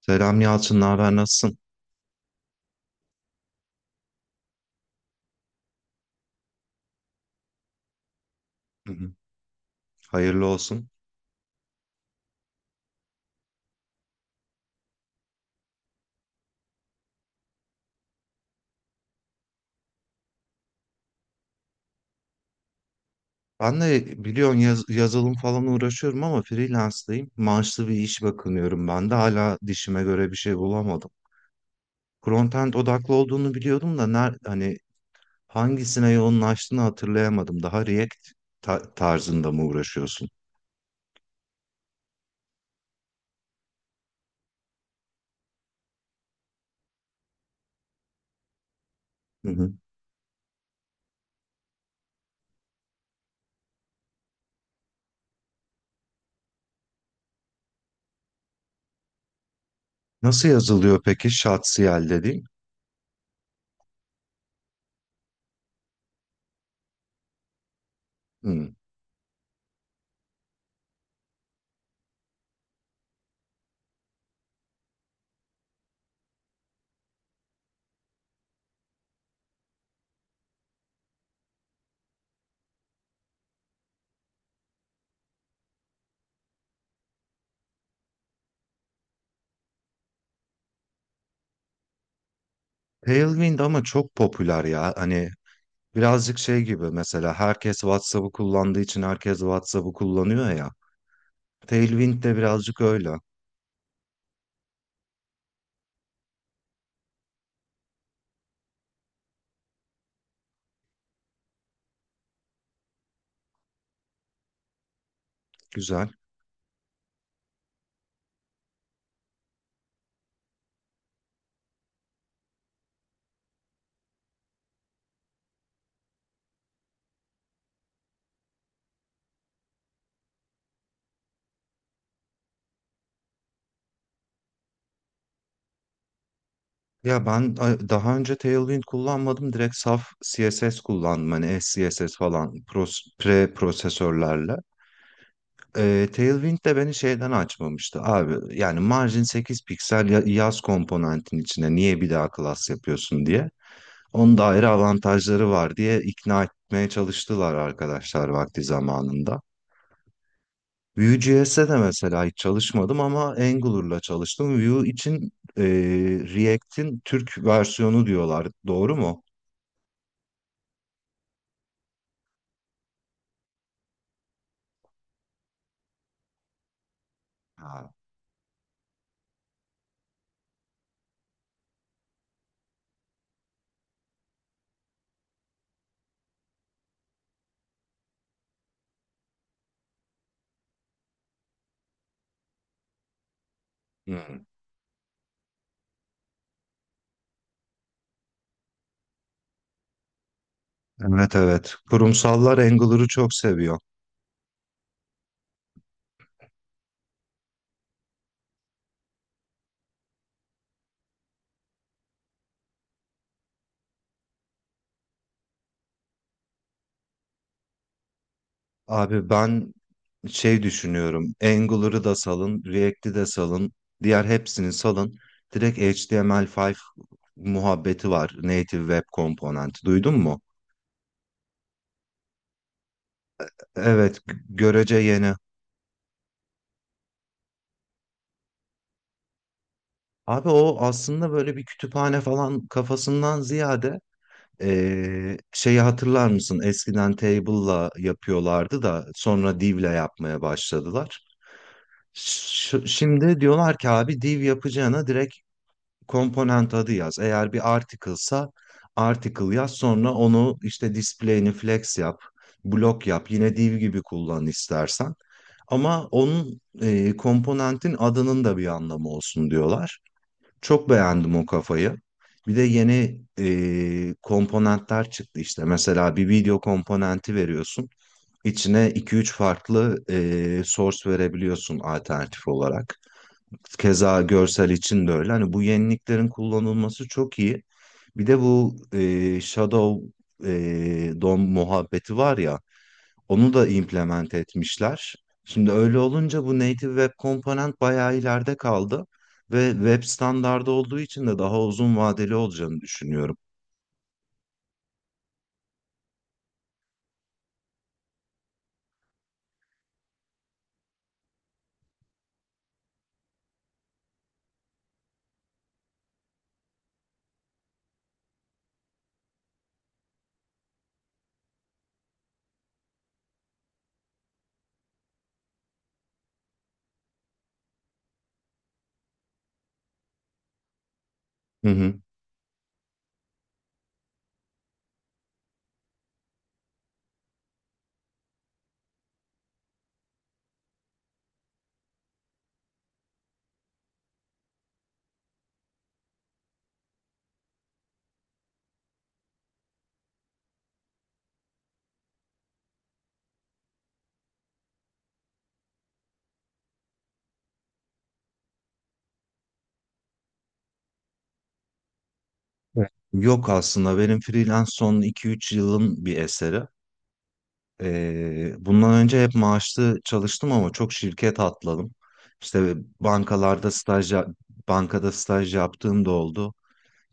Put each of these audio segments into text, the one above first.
Selam Yalçın, ne haber, nasılsın? Hı hı. Hayırlı olsun. Ben de biliyorsun yazılım falan uğraşıyorum ama freelance'dayım. Maaşlı bir iş bakınıyorum ben de hala dişime göre bir şey bulamadım. Frontend odaklı olduğunu biliyordum da hani hangisine yoğunlaştığını hatırlayamadım. Daha React tarzında mı uğraşıyorsun? Hı hı. Nasıl yazılıyor peki Şatsiyel dediğin? Hı. Tailwind ama çok popüler ya. Hani birazcık şey gibi mesela herkes WhatsApp'ı kullandığı için herkes WhatsApp'ı kullanıyor ya. Tailwind de birazcık öyle. Güzel. Ya ben daha önce Tailwind kullanmadım. Direkt saf CSS kullandım. Hani SCSS falan pre-prosesörlerle. Tailwind de beni şeyden açmamıştı. Abi yani margin 8 piksel yaz komponentin içine niye bir daha class yapıyorsun diye. Onun da ayrı avantajları var diye ikna etmeye çalıştılar arkadaşlar vakti zamanında. Vue.js'e de mesela hiç çalışmadım ama Angular'la çalıştım. Vue için e, React'in Türk versiyonu diyorlar. Doğru mu? Ha. Hmm. Evet, evet. Kurumsallar Angular'ı çok seviyor. Abi ben şey düşünüyorum. Angular'ı da salın, React'i de salın, diğer hepsini salın. Direkt HTML5 muhabbeti var. Native Web Component. Duydun mu? Evet, görece yeni. Abi o aslında böyle bir kütüphane falan kafasından ziyade şeyi hatırlar mısın? Eskiden Table'la yapıyorlardı da sonra Div'le yapmaya başladılar. Şimdi diyorlar ki abi Div yapacağına direkt komponent adı yaz. Eğer bir article'sa article yaz sonra onu işte display'ini flex yap, block yap. Yine Div gibi kullan istersen. Ama onun komponentin adının da bir anlamı olsun diyorlar. Çok beğendim o kafayı. Bir de yeni komponentler çıktı işte. Mesela bir video komponenti veriyorsun. İçine iki üç farklı source verebiliyorsun alternatif olarak. Keza görsel için de öyle. Hani bu yeniliklerin kullanılması çok iyi. Bir de bu Shadow DOM muhabbeti var ya. Onu da implement etmişler. Şimdi öyle olunca bu native web komponent bayağı ileride kaldı ve web standardı olduğu için de daha uzun vadeli olacağını düşünüyorum. Hı hı. Evet. Yok aslında benim freelance son iki üç yılın bir eseri. Bundan önce hep maaşlı çalıştım ama çok şirket atladım. İşte bankalarda staj yap- bankada staj yaptığım da oldu.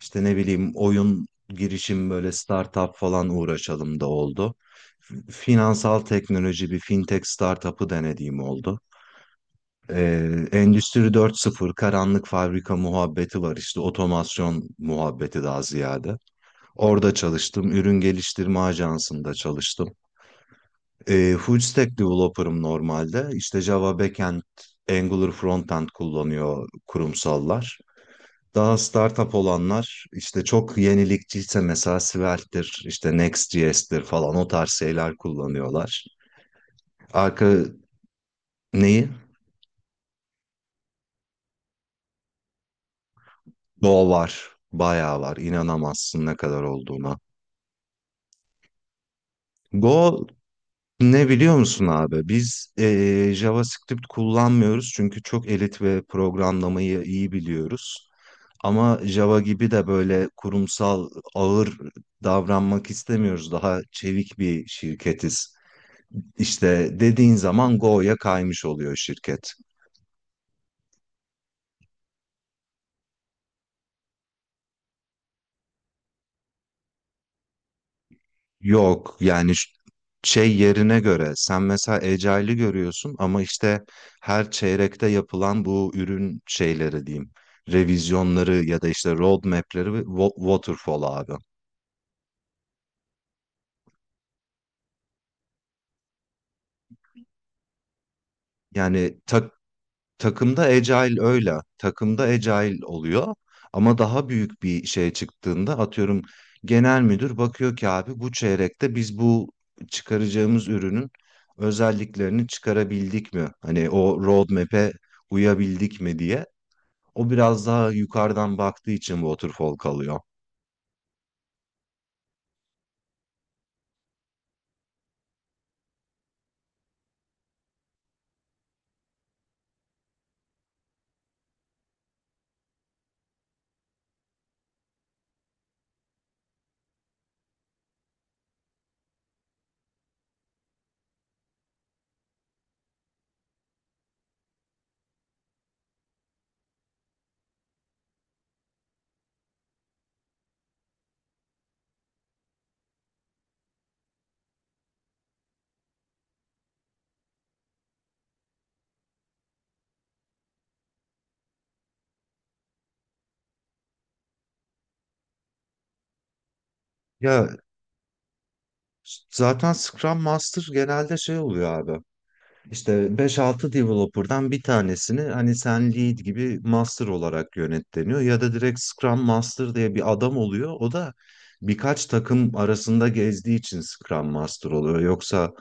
İşte ne bileyim oyun girişim böyle startup falan uğraşalım da oldu. Finansal teknoloji bir fintech startup'ı denediğim oldu. Endüstri 4.0 karanlık fabrika muhabbeti var işte otomasyon muhabbeti daha ziyade. Orada çalıştım. Ürün geliştirme ajansında çalıştım. Full stack developer'ım normalde. İşte Java backend, Angular frontend kullanıyor kurumsallar. Daha startup olanlar işte çok yenilikçiyse mesela Svelte,'dir, işte Next.js'tir falan o tarz şeyler kullanıyorlar. Arka Neyi? Go var. Bayağı var. İnanamazsın ne kadar olduğuna. Go ne biliyor musun abi? Biz JavaScript kullanmıyoruz çünkü çok elit ve programlamayı iyi biliyoruz. Ama Java gibi de böyle kurumsal ağır davranmak istemiyoruz. Daha çevik bir şirketiz. İşte dediğin zaman Go'ya kaymış oluyor şirket. Yok yani şey yerine göre sen mesela Agile'ı görüyorsun ama işte her çeyrekte yapılan bu ürün şeyleri diyeyim. Revizyonları ya da işte roadmap'leri ve waterfall abi. Yani Takımda agile öyle. Takımda agile oluyor. Ama daha büyük bir şeye çıktığında atıyorum genel müdür bakıyor ki abi bu çeyrekte biz bu çıkaracağımız ürünün özelliklerini çıkarabildik mi? Hani o roadmap'e uyabildik mi diye. O biraz daha yukarıdan baktığı için waterfall kalıyor. Ya zaten Scrum Master genelde şey oluyor abi. İşte beş-altı developer'dan bir tanesini hani sen lead gibi master olarak yönet deniyor ya da direkt Scrum Master diye bir adam oluyor. O da birkaç takım arasında gezdiği için Scrum Master oluyor. Yoksa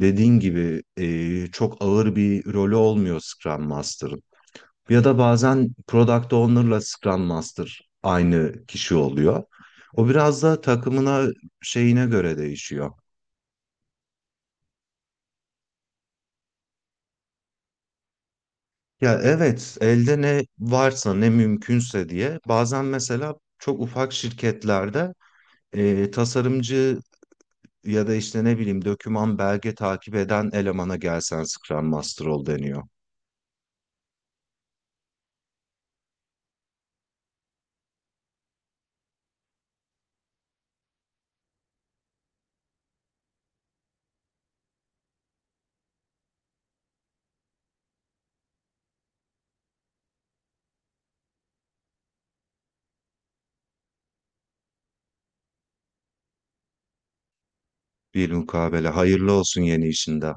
dediğin gibi çok ağır bir rolü olmuyor Scrum Master'ın. Ya da bazen Product Owner'la Scrum Master aynı kişi oluyor. O biraz da takımına şeyine göre değişiyor. Ya evet, elde ne varsa ne mümkünse diye bazen mesela çok ufak şirketlerde tasarımcı ya da işte ne bileyim doküman belge takip eden elemana gelsen Scrum Master ol deniyor. Bir mukabele hayırlı olsun yeni işinde.